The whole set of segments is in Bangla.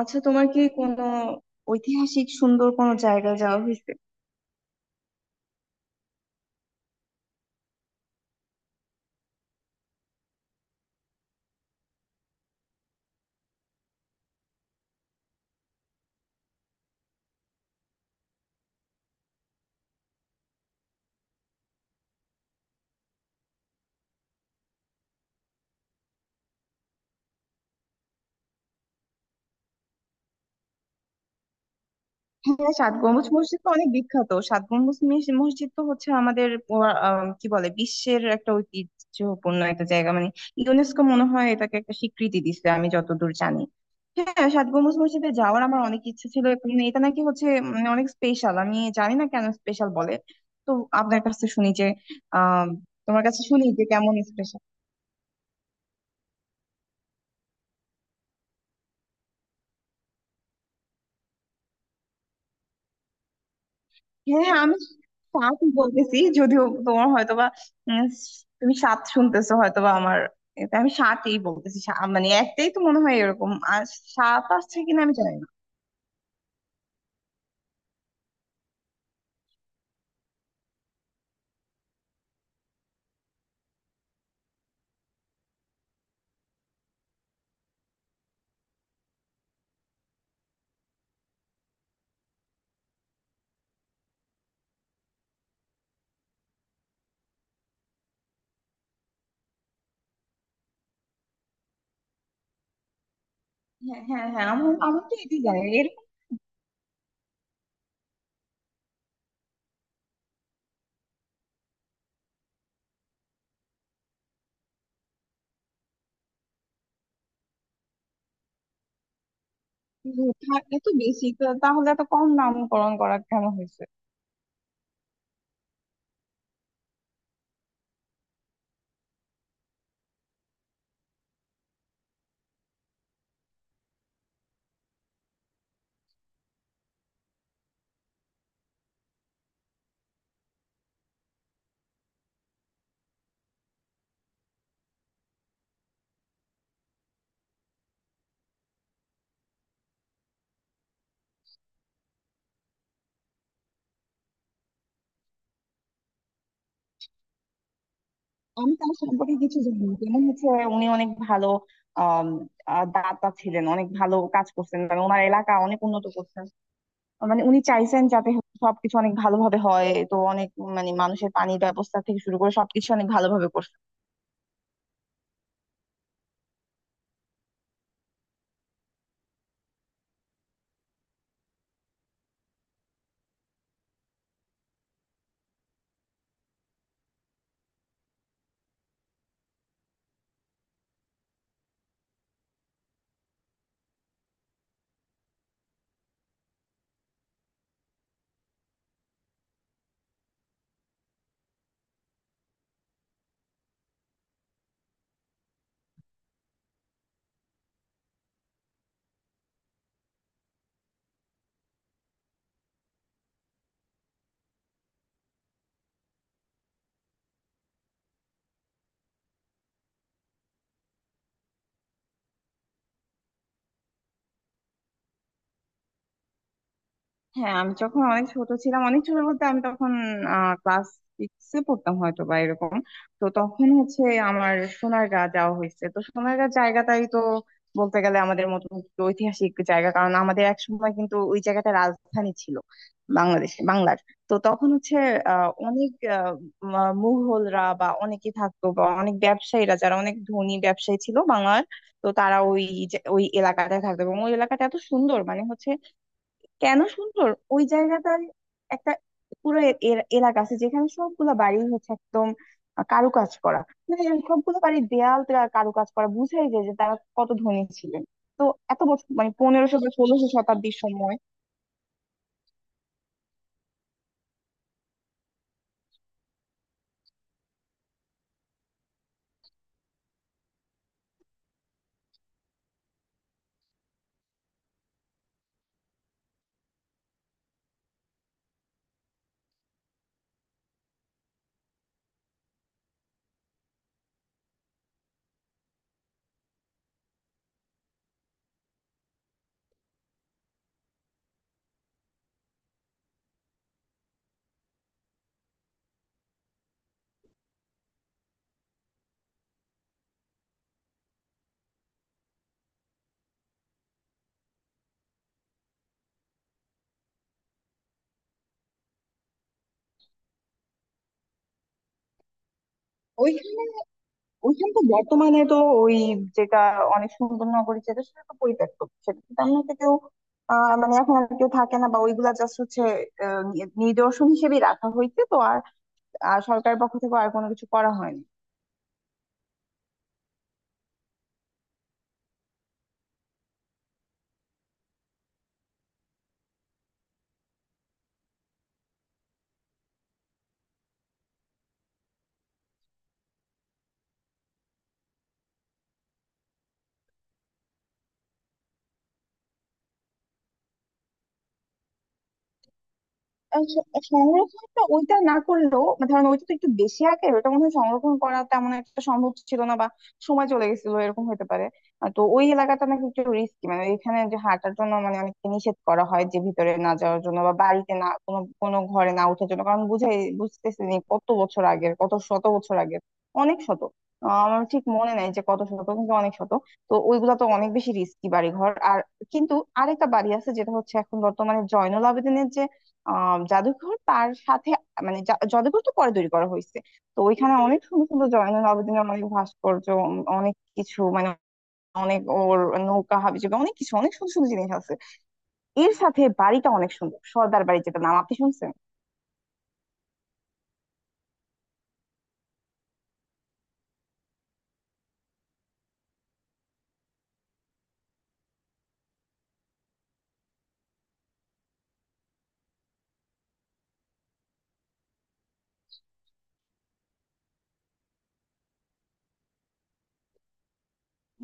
আচ্ছা, তোমার কি কোনো ঐতিহাসিক সুন্দর কোনো জায়গায় যাওয়া হয়েছে? হ্যাঁ, সাত গম্বুজ মসজিদ তো অনেক বিখ্যাত। সাত গম্বুজ মসজিদ তো হচ্ছে আমাদের কি বলে, বিশ্বের একটা ঐতিহ্যপূর্ণ একটা জায়গা। মানে ইউনেস্কো মনে হয় এটাকে একটা স্বীকৃতি দিচ্ছে, আমি যতদূর জানি। হ্যাঁ, সাত গম্বুজ মসজিদে যাওয়ার আমার অনেক ইচ্ছে ছিল, এবং এটা নাকি হচ্ছে অনেক স্পেশাল। আমি জানি না কেন স্পেশাল বলে। তো আপনার কাছে শুনি যে আহ তোমার কাছে শুনি যে কেমন স্পেশাল। হ্যাঁ, হ্যাঁ, আমি সাত বলতেছি, যদিও তোমার হয়তোবা উম, তুমি সাত শুনতেছো হয়তোবা। আমার এটা আমি সাতই বলতেছি। মানে একটাই তো মনে হয় এরকম। আর সাত আসছে কিনা আমি জানি না। হ্যাঁ, হ্যাঁ, হ্যাঁ, আমার আমার তো এটাই জানি এরকম। এত বেশি তো তাহলে এত কম নামকরণ করা কেন হয়েছে? আমি তার সম্পর্কে কিছু জানি না। যেমন হচ্ছে উনি অনেক ভালো আম, আহ দাতা ছিলেন, অনেক ভালো কাজ করছেন, মানে ওনার এলাকা অনেক উন্নত করছেন। মানে উনি চাইছেন যাতে সবকিছু অনেক ভালোভাবে হয়। তো অনেক মানে মানুষের পানির ব্যবস্থা থেকে শুরু করে সবকিছু অনেক ভালোভাবে করছে। হ্যাঁ, আমি যখন অনেক ছোট ছিলাম, অনেক ছোট বলতে আমি তখন ক্লাস সিক্সে পড়তাম হয়তো বা এরকম। তো তখন হচ্ছে আমার সোনারগাঁ যাওয়া হয়েছে। তো সোনারগাঁ জায়গাটাই তো বলতে গেলে আমাদের মতো একটু ঐতিহাসিক জায়গা, কারণ আমাদের একসময় কিন্তু ওই জায়গাটা রাজধানী ছিল বাংলাদেশ বাংলার। তো তখন হচ্ছে অনেক মুঘলরা বা অনেকে থাকতো, বা অনেক ব্যবসায়ীরা যারা অনেক ধনী ব্যবসায়ী ছিল বাংলার। তো তারা ওই ওই এলাকাটায় থাকতো, এবং ওই এলাকাটা এত সুন্দর মানে হচ্ছে। কেন সুন্দর? ওই জায়গাটার একটা পুরো এলাকা আছে যেখানে সবগুলো বাড়ি হচ্ছে একদম কারুকাজ করা। মানে সবগুলো বাড়ির দেয়াল টেয়াল কারুকাজ করা, বুঝাই যায় যে তারা কত ধনী ছিলেন। তো এত বছর মানে 1500 বা 1600 শতাব্দীর সময়। ওইখানে ওইখানে তো বর্তমানে তো ওই যেটা অনেক সুন্দর নগরী, যেটা সেটা তো পরিত্যক্ত। সেটা তো তেমন একটা কেউ মানে এখন আর কেউ থাকে না, বা ওইগুলা জাস্ট হচ্ছে আহ, নিদর্শন হিসেবে রাখা হয়েছে। তো আর আর সরকারের পক্ষ থেকে আর কোনো কিছু করা হয়নি। আহ স- সংরক্ষণটা ওইটা না করলেও মানে ধরেন ওইটা তো একটু বেশি আগের, ওটা মনে হয় সংরক্ষণ করা তেমন একটা সম্ভব ছিল না, বা সময় চলে গেছিল এরকম হতে পারে। তো ওই এলাকাটা নাকি একটু রিস্কি, মানে এখানে যে হাঁটার জন্য মানে অনেককে নিষেধ করা হয় যে ভিতরে না যাওয়ার জন্য, বা বাড়িতে না, কোনো কোনো ঘরে না ওঠার জন্য, কারণ বুঝাই বুঝতেছি নি কত বছর আগের, কত শত বছর আগের, অনেক শত। আমার ঠিক মনে নাই যে কত শত, কিন্তু অনেক শত। তো ওইগুলা তো অনেক বেশি রিস্কি বাড়িঘর আর। কিন্তু আরেকটা বাড়ি আছে যেটা হচ্ছে এখন বর্তমানে জাদুঘর, তার সাথে মানে জাদুঘর তো পরে তৈরি করা হয়েছে। তো ওইখানে অনেক সুন্দর সুন্দর জয়নুল আবেদিনের অনেক ভাস্কর্য, অনেক কিছু, মানে অনেক ওর নৌকা হাবিজাবি অনেক কিছু, অনেক সুন্দর সুন্দর জিনিস আছে। এর সাথে বাড়িটা অনেক সুন্দর সর্দার বাড়ি, যেটা নাম আপনি শুনছেন।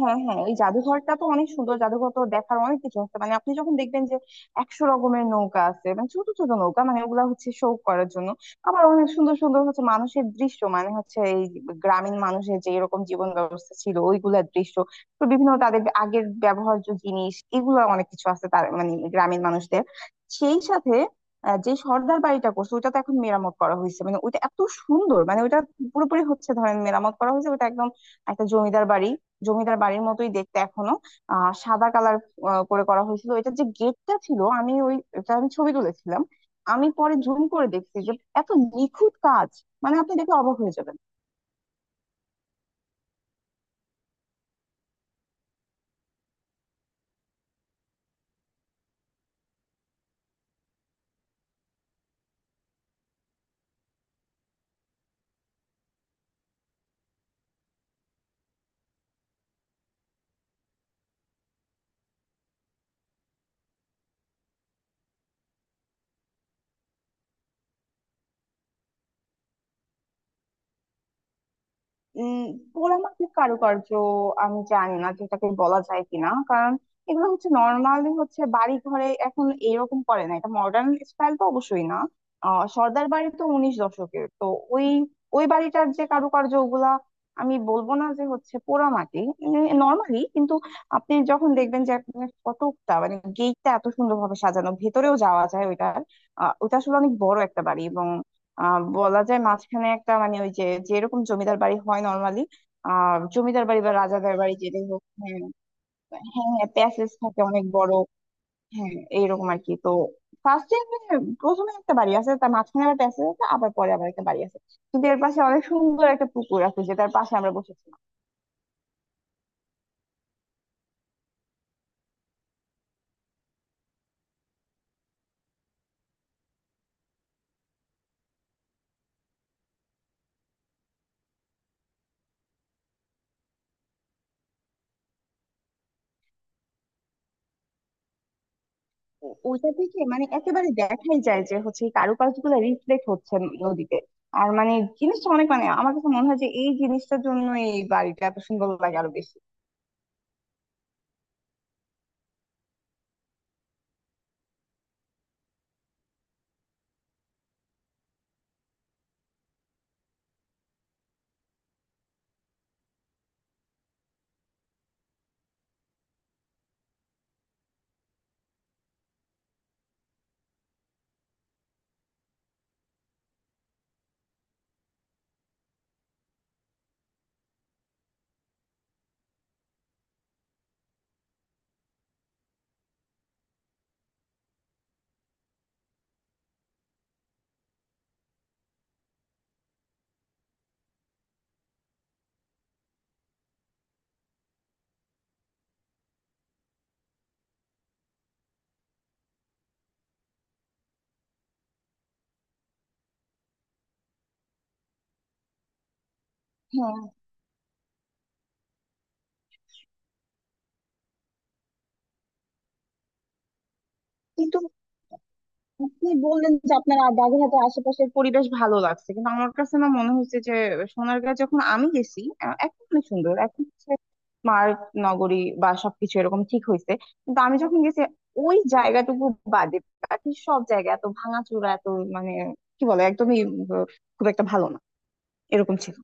হ্যাঁ, হ্যাঁ, ওই জাদুঘরটা তো অনেক সুন্দর, জাদুঘর তো দেখার অনেক কিছু আছে। মানে আপনি যখন দেখবেন যে 100 রকমের নৌকা আছে, মানে ছোট ছোট নৌকা, মানে ওগুলা হচ্ছে শো করার জন্য। আবার অনেক সুন্দর সুন্দর হচ্ছে মানুষের দৃশ্য, মানে হচ্ছে এই গ্রামীণ মানুষের যে এরকম জীবন ব্যবস্থা ছিল ওইগুলার দৃশ্য। তো বিভিন্ন তাদের আগের ব্যবহার্য জিনিস এগুলো অনেক কিছু আছে, তার মানে গ্রামীণ মানুষদের। সেই সাথে যে সর্দার বাড়িটা করছে ওইটা তো এখন মেরামত করা হয়েছে, মানে ওইটা এত সুন্দর। মানে ওইটা পুরোপুরি হচ্ছে ধরেন মেরামত করা হয়েছে, ওটা একদম একটা জমিদার বাড়ি, জমিদার বাড়ির মতোই দেখতে এখনো। সাদা কালার করে করা হয়েছিল। এটা যে গেটটা ছিল, আমি ওই এটা আমি ছবি তুলেছিলাম। আমি পরে জুম করে দেখছি যে এত নিখুঁত কাজ, মানে আপনি দেখে অবাক হয়ে যাবেন। উম পোড়ামাটির কারুকার্য আমি জানি না যেটাকে বলা যায় কিনা, কারণ এগুলো হচ্ছে নর্মালি হচ্ছে বাড়ি ঘরে এখন এরকম করে না, এটা মডার্ন স্টাইল তো অবশ্যই না। সর্দার বাড়ি তো 19 দশকের। তো ওই ওই বাড়িটার যে কারুকার্য ওগুলা, আমি বলবো না যে হচ্ছে পোড়ামাটি নর্মালি। কিন্তু আপনি যখন দেখবেন যে আপনার কতটা মানে গেটটা এত সুন্দরভাবে সাজানো, ভেতরেও যাওয়া যায় ওইটার। ওটা আসলে অনেক বড় একটা বাড়ি, এবং বলা যায় মাঝখানে একটা মানে ওই যে যেরকম জমিদার বাড়ি হয় নর্মালি। জমিদার বাড়ি বা রাজাদের বাড়ি যেটাই হোক। হ্যাঁ, হ্যাঁ, হ্যাঁ, প্যাসেজ থাকে অনেক বড়। হ্যাঁ, এইরকম আর কি। তো ফার্স্টে প্রথমে একটা বাড়ি আছে, তার মাঝখানে আবার প্যাসেজ আছে, আবার পরে আবার একটা বাড়ি আছে। কিন্তু এর পাশে অনেক সুন্দর একটা পুকুর আছে, যেটার পাশে আমরা বসেছিলাম। তো ওইটা থেকে মানে একেবারে দেখাই যায় যে হচ্ছে এই কারুকার্য গুলো রিফ্লেক্ট হচ্ছে নদীতে। আর মানে জিনিসটা অনেক, মানে আমার কাছে মনে হয় যে এই জিনিসটার জন্য এই বাড়িটা এত সুন্দর লাগে আরো বেশি। হ্যাঁ, কিন্তু আপনি বললেন যে আপনার বাগেরহাটের আশেপাশের পরিবেশ ভালো লাগছে, কিন্তু আমার কাছে না মনে হয়েছে যে সোনারগাঁ যখন আমি গেছি এখন অনেক সুন্দর, এখন হচ্ছে স্মার্ট নগরী বা সবকিছু এরকম ঠিক হয়েছে। কিন্তু আমি যখন গেছি ওই জায়গাটুকু বাদে বাকি সব জায়গা এত ভাঙাচোরা, এত মানে কি বলে একদমই খুব একটা ভালো না, এরকম ছিল।